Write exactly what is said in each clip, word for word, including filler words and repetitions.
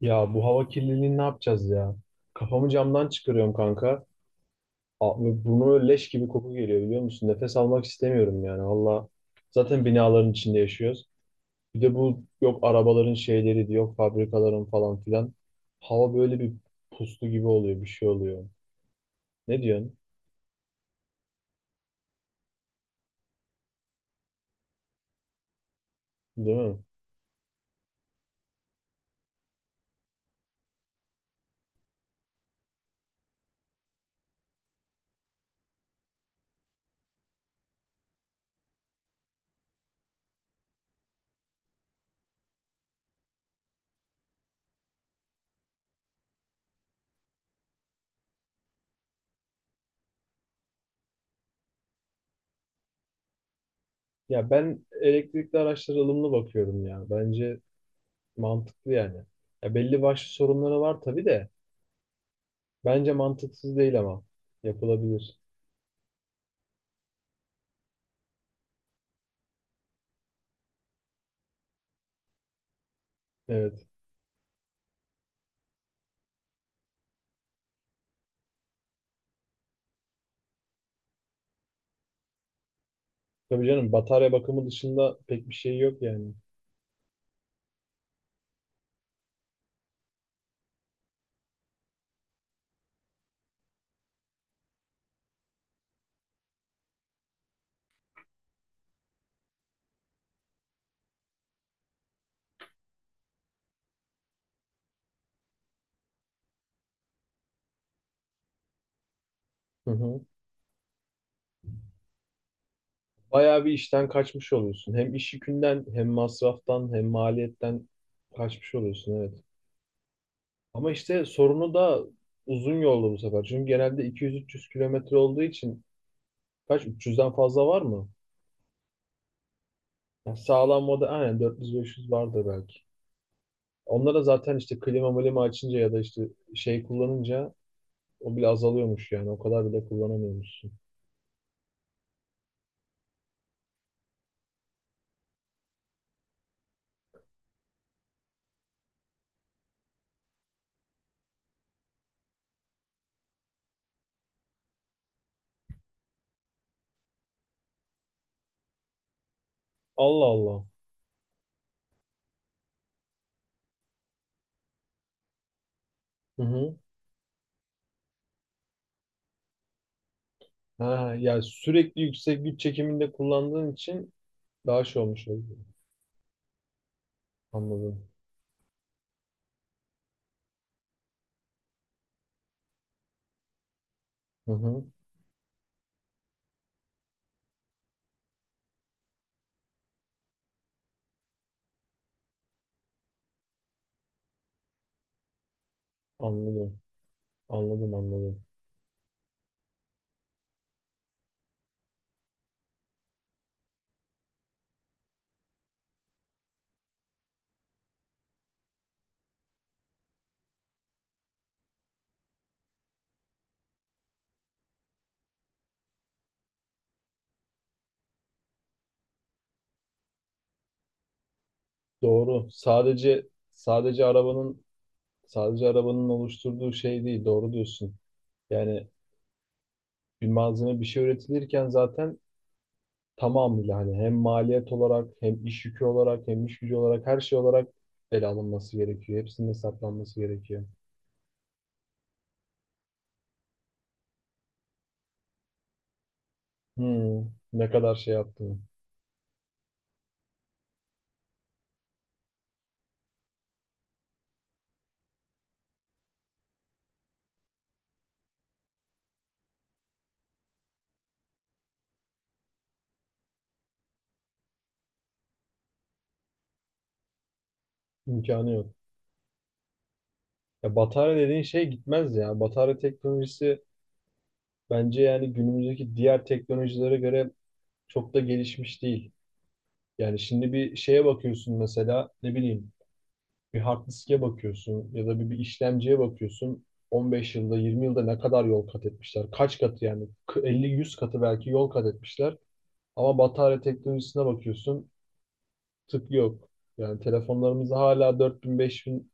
Ya bu hava kirliliğini ne yapacağız ya? Kafamı camdan çıkarıyorum kanka. A- ve leş gibi koku geliyor biliyor musun? Nefes almak istemiyorum yani valla. Zaten binaların içinde yaşıyoruz. Bir de bu yok arabaların şeyleri yok fabrikaların falan filan. Hava böyle bir puslu gibi oluyor bir şey oluyor. Ne diyorsun? Değil mi? Ya ben elektrikli araçlara ılımlı bakıyorum ya. Bence mantıklı yani. Ya belli başlı sorunları var tabii de. Bence mantıksız değil ama yapılabilir. Evet. Tabii canım batarya bakımı dışında pek bir şey yok yani. Hı hı. Bayağı bir işten kaçmış oluyorsun. Hem iş yükünden hem masraftan hem maliyetten kaçmış oluyorsun evet. Ama işte sorunu da uzun yolda bu sefer. Çünkü genelde iki yüz üç yüz kilometre olduğu için kaç üç yüzden fazla var mı? Yani sağlam moda aynen dört yüz beş yüz vardır belki. Onlara zaten işte klima milima açınca ya da işte şey kullanınca o bile azalıyormuş yani. O kadar bile kullanamıyormuşsun. Allah Allah. Hı hı. Ha, ya sürekli yüksek güç çekiminde kullandığın için daha şey olmuş oldu. Anladım. Hı hı. Anladım. Anladım, anladım. Doğru. Sadece sadece arabanın sadece arabanın oluşturduğu şey değil. Doğru diyorsun. Yani bir malzeme bir şey üretilirken zaten tamamıyla hani hem maliyet olarak hem iş yükü olarak hem iş gücü olarak her şey olarak ele alınması gerekiyor. Hepsinin hesaplanması gerekiyor. Hmm, ne kadar şey yaptığını. İmkanı yok. Ya batarya dediğin şey gitmez ya. Batarya teknolojisi bence yani günümüzdeki diğer teknolojilere göre çok da gelişmiş değil. Yani şimdi bir şeye bakıyorsun mesela ne bileyim bir hard diske bakıyorsun ya da bir, bir işlemciye bakıyorsun. On beş yılda yirmi yılda ne kadar yol kat etmişler? Kaç katı yani? Elli, yüz katı belki yol kat etmişler. Ama batarya teknolojisine bakıyorsun tık yok. Yani telefonlarımızda hala dört bin, beş bin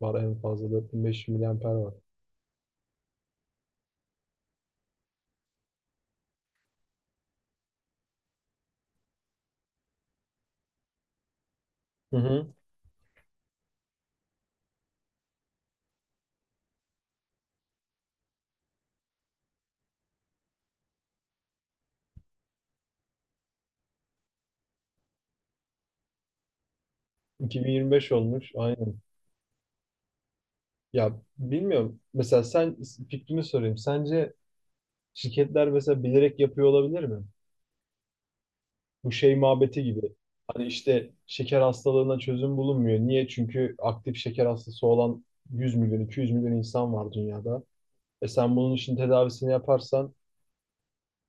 var en fazla 4000 bin beş bin miliamper var. Hı hı. iki bin yirmi beş olmuş. Aynen. Ya bilmiyorum. Mesela sen fikrini sorayım. Sence şirketler mesela bilerek yapıyor olabilir mi? Bu şey muhabbeti gibi. Hani işte şeker hastalığına çözüm bulunmuyor. Niye? Çünkü aktif şeker hastası olan yüz milyon, iki yüz milyon insan var dünyada. E sen bunun için tedavisini yaparsan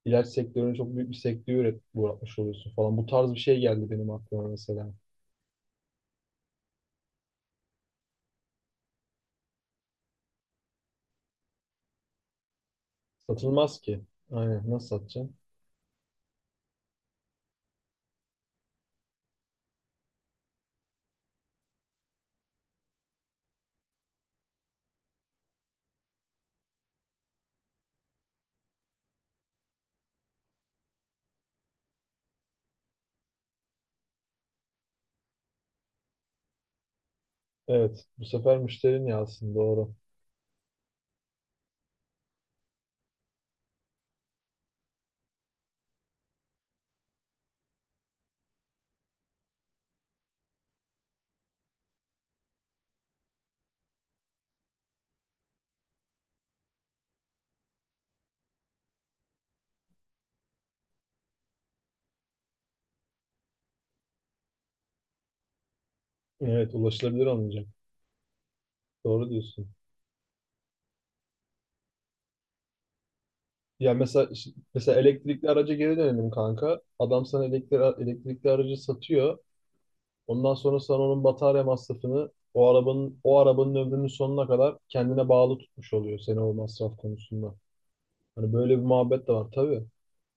ilaç sektörüne çok büyük bir sektörü uğratmış oluyorsun falan. Bu tarz bir şey geldi benim aklıma mesela. Satılmaz ki. Aynen. Nasıl satacaksın? Evet. Bu sefer müşterin yazsın. Doğru. Evet. Ulaşılabilir olmayacak. Doğru diyorsun. Ya mesela mesela elektrikli araca geri dönelim kanka. Adam sana elektrikli, elektrikli aracı satıyor. Ondan sonra sana onun batarya masrafını o arabanın o arabanın ömrünün sonuna kadar kendine bağlı tutmuş oluyor seni o masraf konusunda. Hani böyle bir muhabbet de var tabii.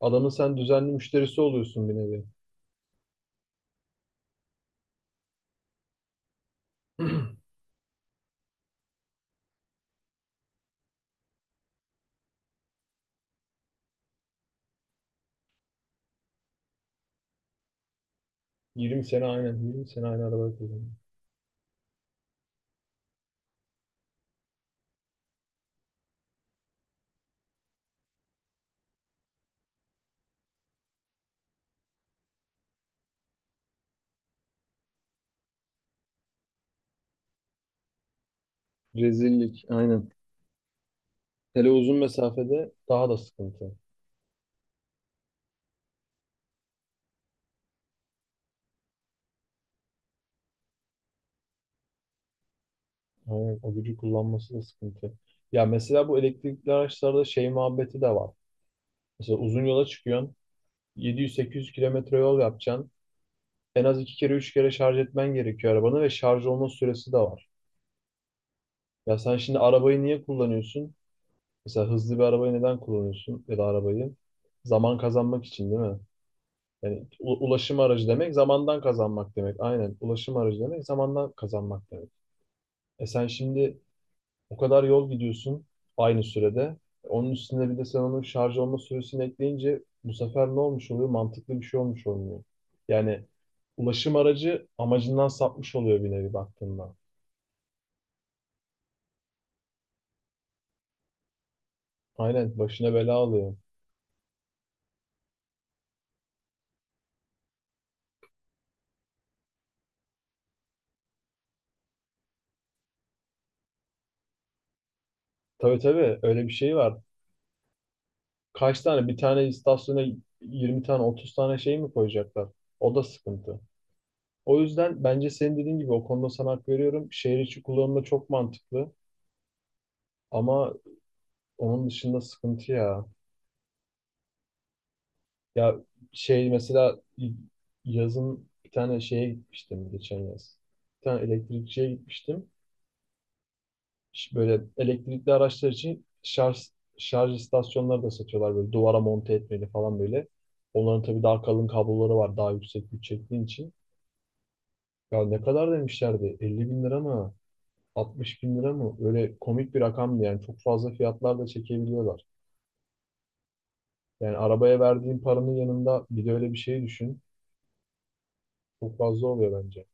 Adamın sen düzenli müşterisi oluyorsun bir nevi. yirmi sene, aynen, yirmi sene aynı arabayı kullanıyor. Rezillik aynen. Hele uzun mesafede daha da sıkıntı. Aynen o gücü kullanması da sıkıntı. Ya mesela bu elektrikli araçlarda şey muhabbeti de var. Mesela uzun yola çıkıyorsun. yedi yüz sekiz yüz kilometre yol yapacaksın. En az iki kere üç kere şarj etmen gerekiyor arabanı ve şarj olma süresi de var. Ya sen şimdi arabayı niye kullanıyorsun? Mesela hızlı bir arabayı neden kullanıyorsun ya da arabayı? Zaman kazanmak için değil mi? Yani u- ulaşım aracı demek zamandan kazanmak demek. Aynen ulaşım aracı demek zamandan kazanmak demek. E sen şimdi o kadar yol gidiyorsun aynı sürede. Onun üstüne bir de sen onun şarj olma süresini ekleyince bu sefer ne olmuş oluyor? Mantıklı bir şey olmuş olmuyor. Yani ulaşım aracı amacından sapmış oluyor bir nevi baktığında. Aynen başına bela alıyor. Tabii tabii öyle bir şey var. Kaç tane bir tane istasyona yirmi tane otuz tane şey mi koyacaklar? O da sıkıntı. O yüzden bence senin dediğin gibi o konuda sana hak veriyorum. Şehir içi kullanımda çok mantıklı ama onun dışında sıkıntı ya. Ya şey mesela yazın bir tane şeye gitmiştim geçen yaz. Bir tane elektrikçiye gitmiştim. Ş- Böyle elektrikli araçlar için şarj şarj istasyonları da satıyorlar böyle duvara monte etmeli falan böyle. Onların tabii daha kalın kabloları var daha yüksek güç çektiğin için. Ya ne kadar demişlerdi? elli bin lira mı? altmış bin lira mı? Öyle komik bir rakamdı yani. Çok fazla fiyatlar da çekebiliyorlar. Yani arabaya verdiğin paranın yanında bir de öyle bir şey düşün. Çok fazla oluyor bence.